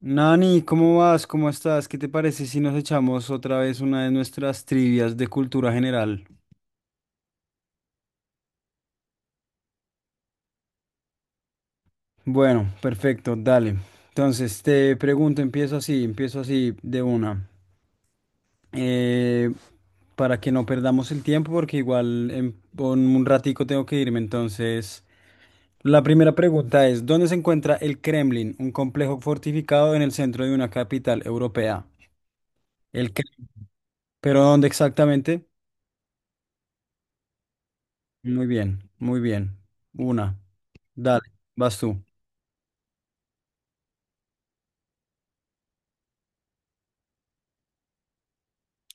Nani, ¿cómo vas? ¿Cómo estás? ¿Qué te parece si nos echamos otra vez una de nuestras trivias de cultura general? Bueno, perfecto, dale. Entonces, te pregunto, empiezo así de una. Eh, para que no perdamos el tiempo, porque igual en un ratico tengo que irme. Entonces, la primera pregunta es, ¿dónde se encuentra el Kremlin, un complejo fortificado en el centro de una capital europea? El Kremlin. ¿Pero dónde exactamente? Muy bien, muy bien. Una. Dale, vas tú.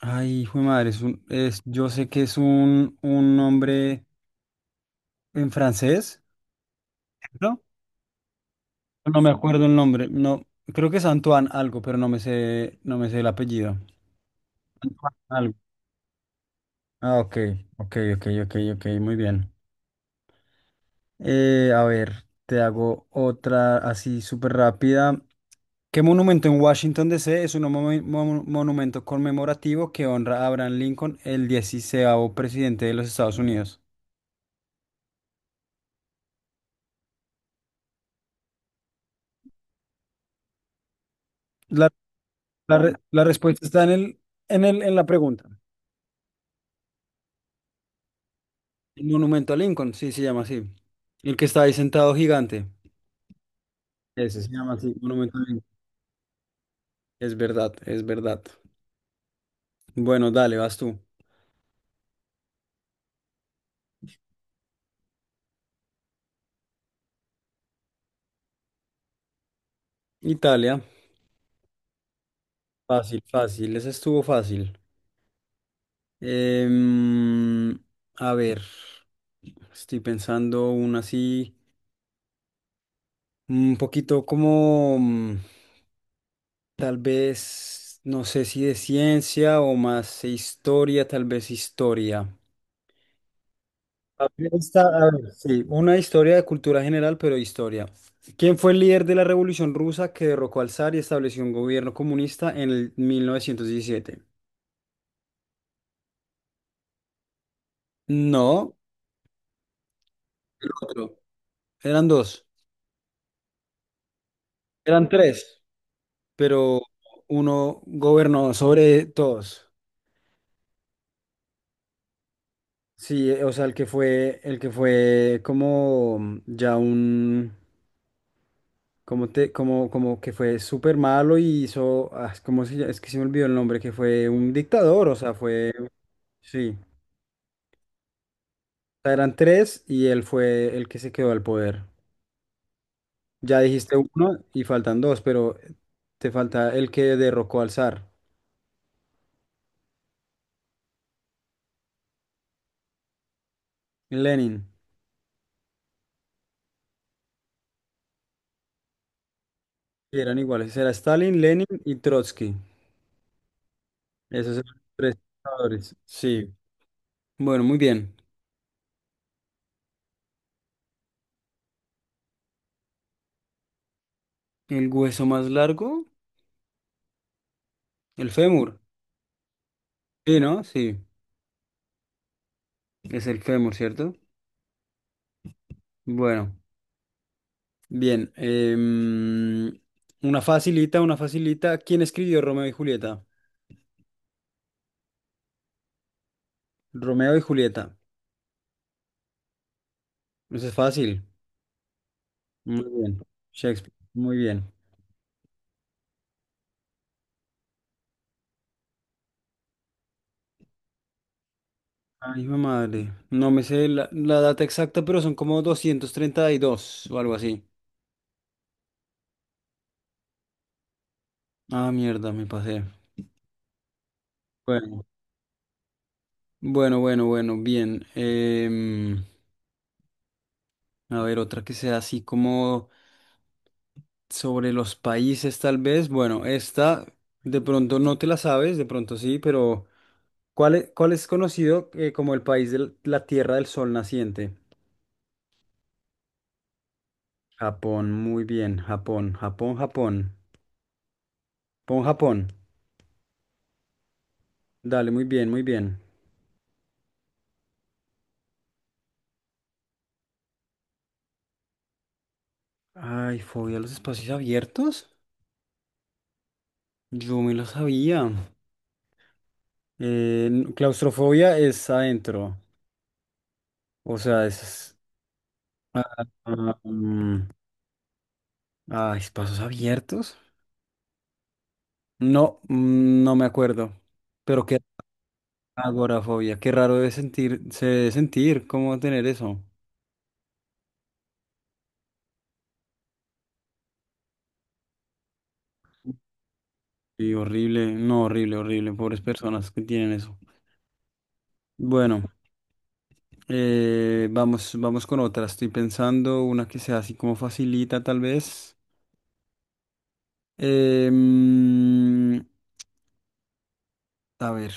Ay, hijo de madre, yo sé que es un nombre en francés, ¿no? No me acuerdo el nombre, no, creo que es Antoine algo, pero no me sé el apellido. Antoine algo. Ah, ok, ok, muy bien. A ver, te hago otra así súper rápida. ¿Qué monumento en Washington, D.C. es un monumento conmemorativo que honra a Abraham Lincoln, el 16.º presidente de los Estados Unidos? La la respuesta está en en la pregunta. El monumento a Lincoln, sí, se llama así. El que está ahí sentado gigante. Ese se llama así, monumento a Lincoln. Es verdad, es verdad. Bueno, dale, vas tú. Italia. Fácil, fácil. Ese estuvo fácil. Em, a ver, estoy pensando una así, un poquito como tal vez, no sé si de ciencia o más de historia, tal vez historia. A ver, a ver, sí, una historia de cultura general, pero historia. ¿Quién fue el líder de la Revolución Rusa que derrocó al zar y estableció un gobierno comunista en el 1917? No, el otro. Eran dos. Eran tres, pero uno gobernó sobre todos. Sí, o sea, el que fue como ya un, como te, como que fue súper malo y hizo, ah, ¿cómo se llama? Es que se me olvidó el nombre, que fue un dictador, o sea, fue, sí. Sea, eran tres y él fue el que se quedó al poder. Ya dijiste uno y faltan dos, pero te falta el que derrocó al zar, Lenin. Y eran iguales, era Stalin, Lenin y Trotsky. Esos eran los tres dictadores. Sí. Bueno, muy bien. ¿El hueso más largo? El fémur. Sí, ¿no? Sí, es el fémur, ¿cierto? Bueno, bien. Una facilita, una facilita. ¿Quién escribió Romeo y Julieta? Romeo y Julieta. Eso es fácil. Muy bien. Shakespeare. Muy bien. Ay, hijo de madre. No me sé la data exacta, pero son como 232 o algo así. Ah, mierda, me pasé. Bueno, bueno, bien. A ver, otra que sea así como sobre los países, tal vez. Bueno, esta de pronto no te la sabes, de pronto sí, pero ¿ cuál es conocido como el país de la Tierra del Sol naciente? Japón, muy bien, Japón. Pon Japón. Dale, muy bien, muy bien. Ay, fobia a los espacios abiertos. Yo me lo sabía. Claustrofobia es adentro. O sea, es... Ah, ah, mm, ah, espacios abiertos. No, no me acuerdo. Pero qué agorafobia. Qué raro debe sentir, se debe sentir. ¿Cómo tener eso? Y horrible, no, horrible, horrible. Pobres personas que tienen eso. Bueno, vamos con otra. Estoy pensando una que sea así como facilita, tal vez. Em, a ver,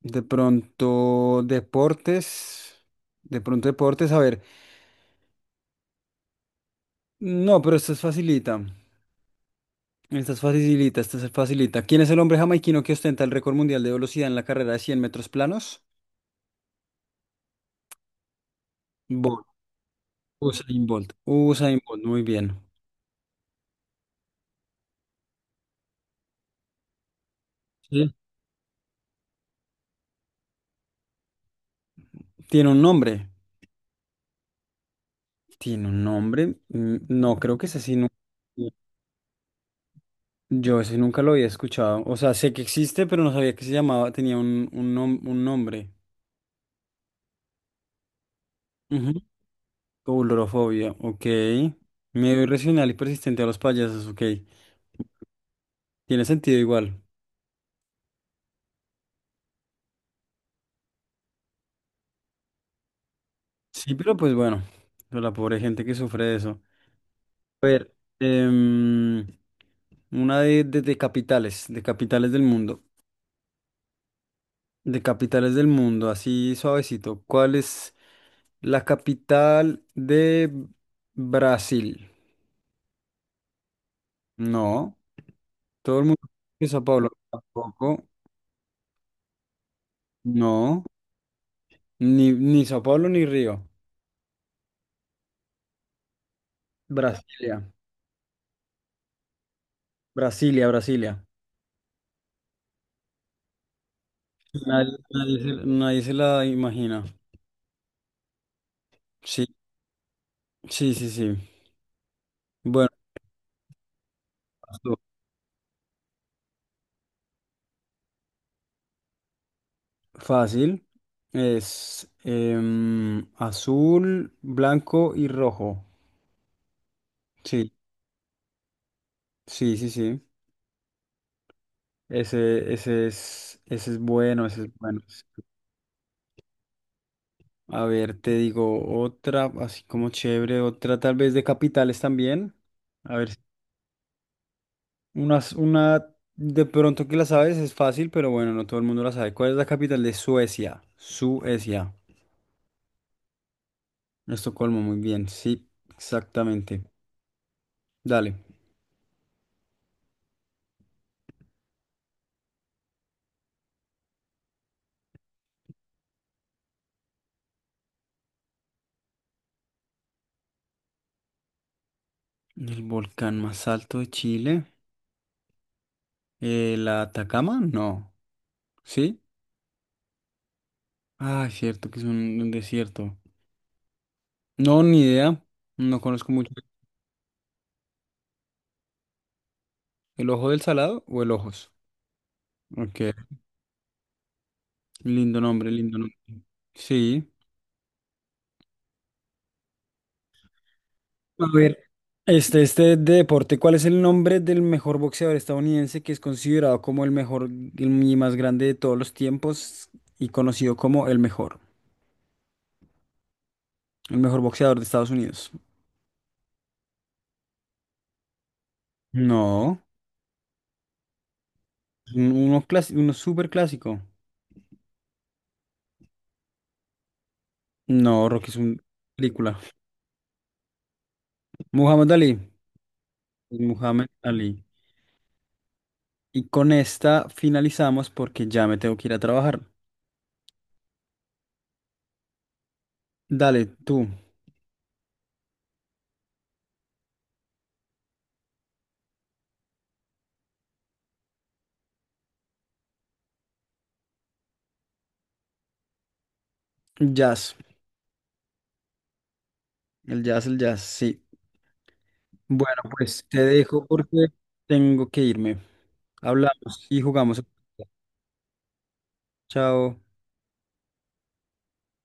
de pronto deportes, de pronto deportes, a ver, no, pero esta es facilita, esta es facilita. ¿Quién es el hombre jamaiquino que ostenta el récord mundial de velocidad en la carrera de 100 metros planos? Bolt, Usain Bolt, muy bien. Sí. ¿Tiene un nombre? ¿Tiene un nombre? Mm, no, creo que es así. Yo ese nunca lo había escuchado. O sea, sé que existe, pero no sabía que se llamaba, tenía un nombre. Coulrofobia, ok. Miedo irracional y persistente a los payasos, ok. Tiene sentido igual. Sí, pero pues bueno, pero la pobre gente que sufre de eso. A ver, em, una de capitales del mundo. De capitales del mundo, así suavecito. ¿Cuál es la capital de Brasil? No. Todo el mundo que Sao Paulo. Tampoco. No. Ni, ni Sao Paulo ni Río. Brasilia. Brasilia. Nadie, nadie se la imagina. Sí, sí. Bueno, azul. Fácil. Es azul, blanco y rojo. Sí, sí. Ese, ese es bueno, ese es bueno. A ver, te digo otra, así como chévere, otra tal vez de capitales también. A ver, una de pronto que la sabes es fácil, pero bueno, no todo el mundo la sabe. ¿Cuál es la capital de Suecia? Suecia. Estocolmo, muy bien, sí, exactamente. Dale. El volcán más alto de Chile. ¿La Atacama? No. ¿Sí? Ah, cierto que es un desierto. No, ni idea. No conozco mucho. ¿El Ojo del Salado o el Ojos? Ok. Lindo nombre, lindo nombre. Sí. A ver, este de deporte, ¿cuál es el nombre del mejor boxeador estadounidense que es considerado como el mejor y más grande de todos los tiempos y conocido como el mejor boxeador de Estados Unidos? No, uno, uno súper clásico. No, Rocky es una película. Muhammad Ali. Muhammad Ali. Y con esta finalizamos porque ya me tengo que ir a trabajar. Dale, tú. Jazz. El jazz, el jazz, sí. Bueno, pues te dejo porque tengo que irme. Hablamos y jugamos. Chao.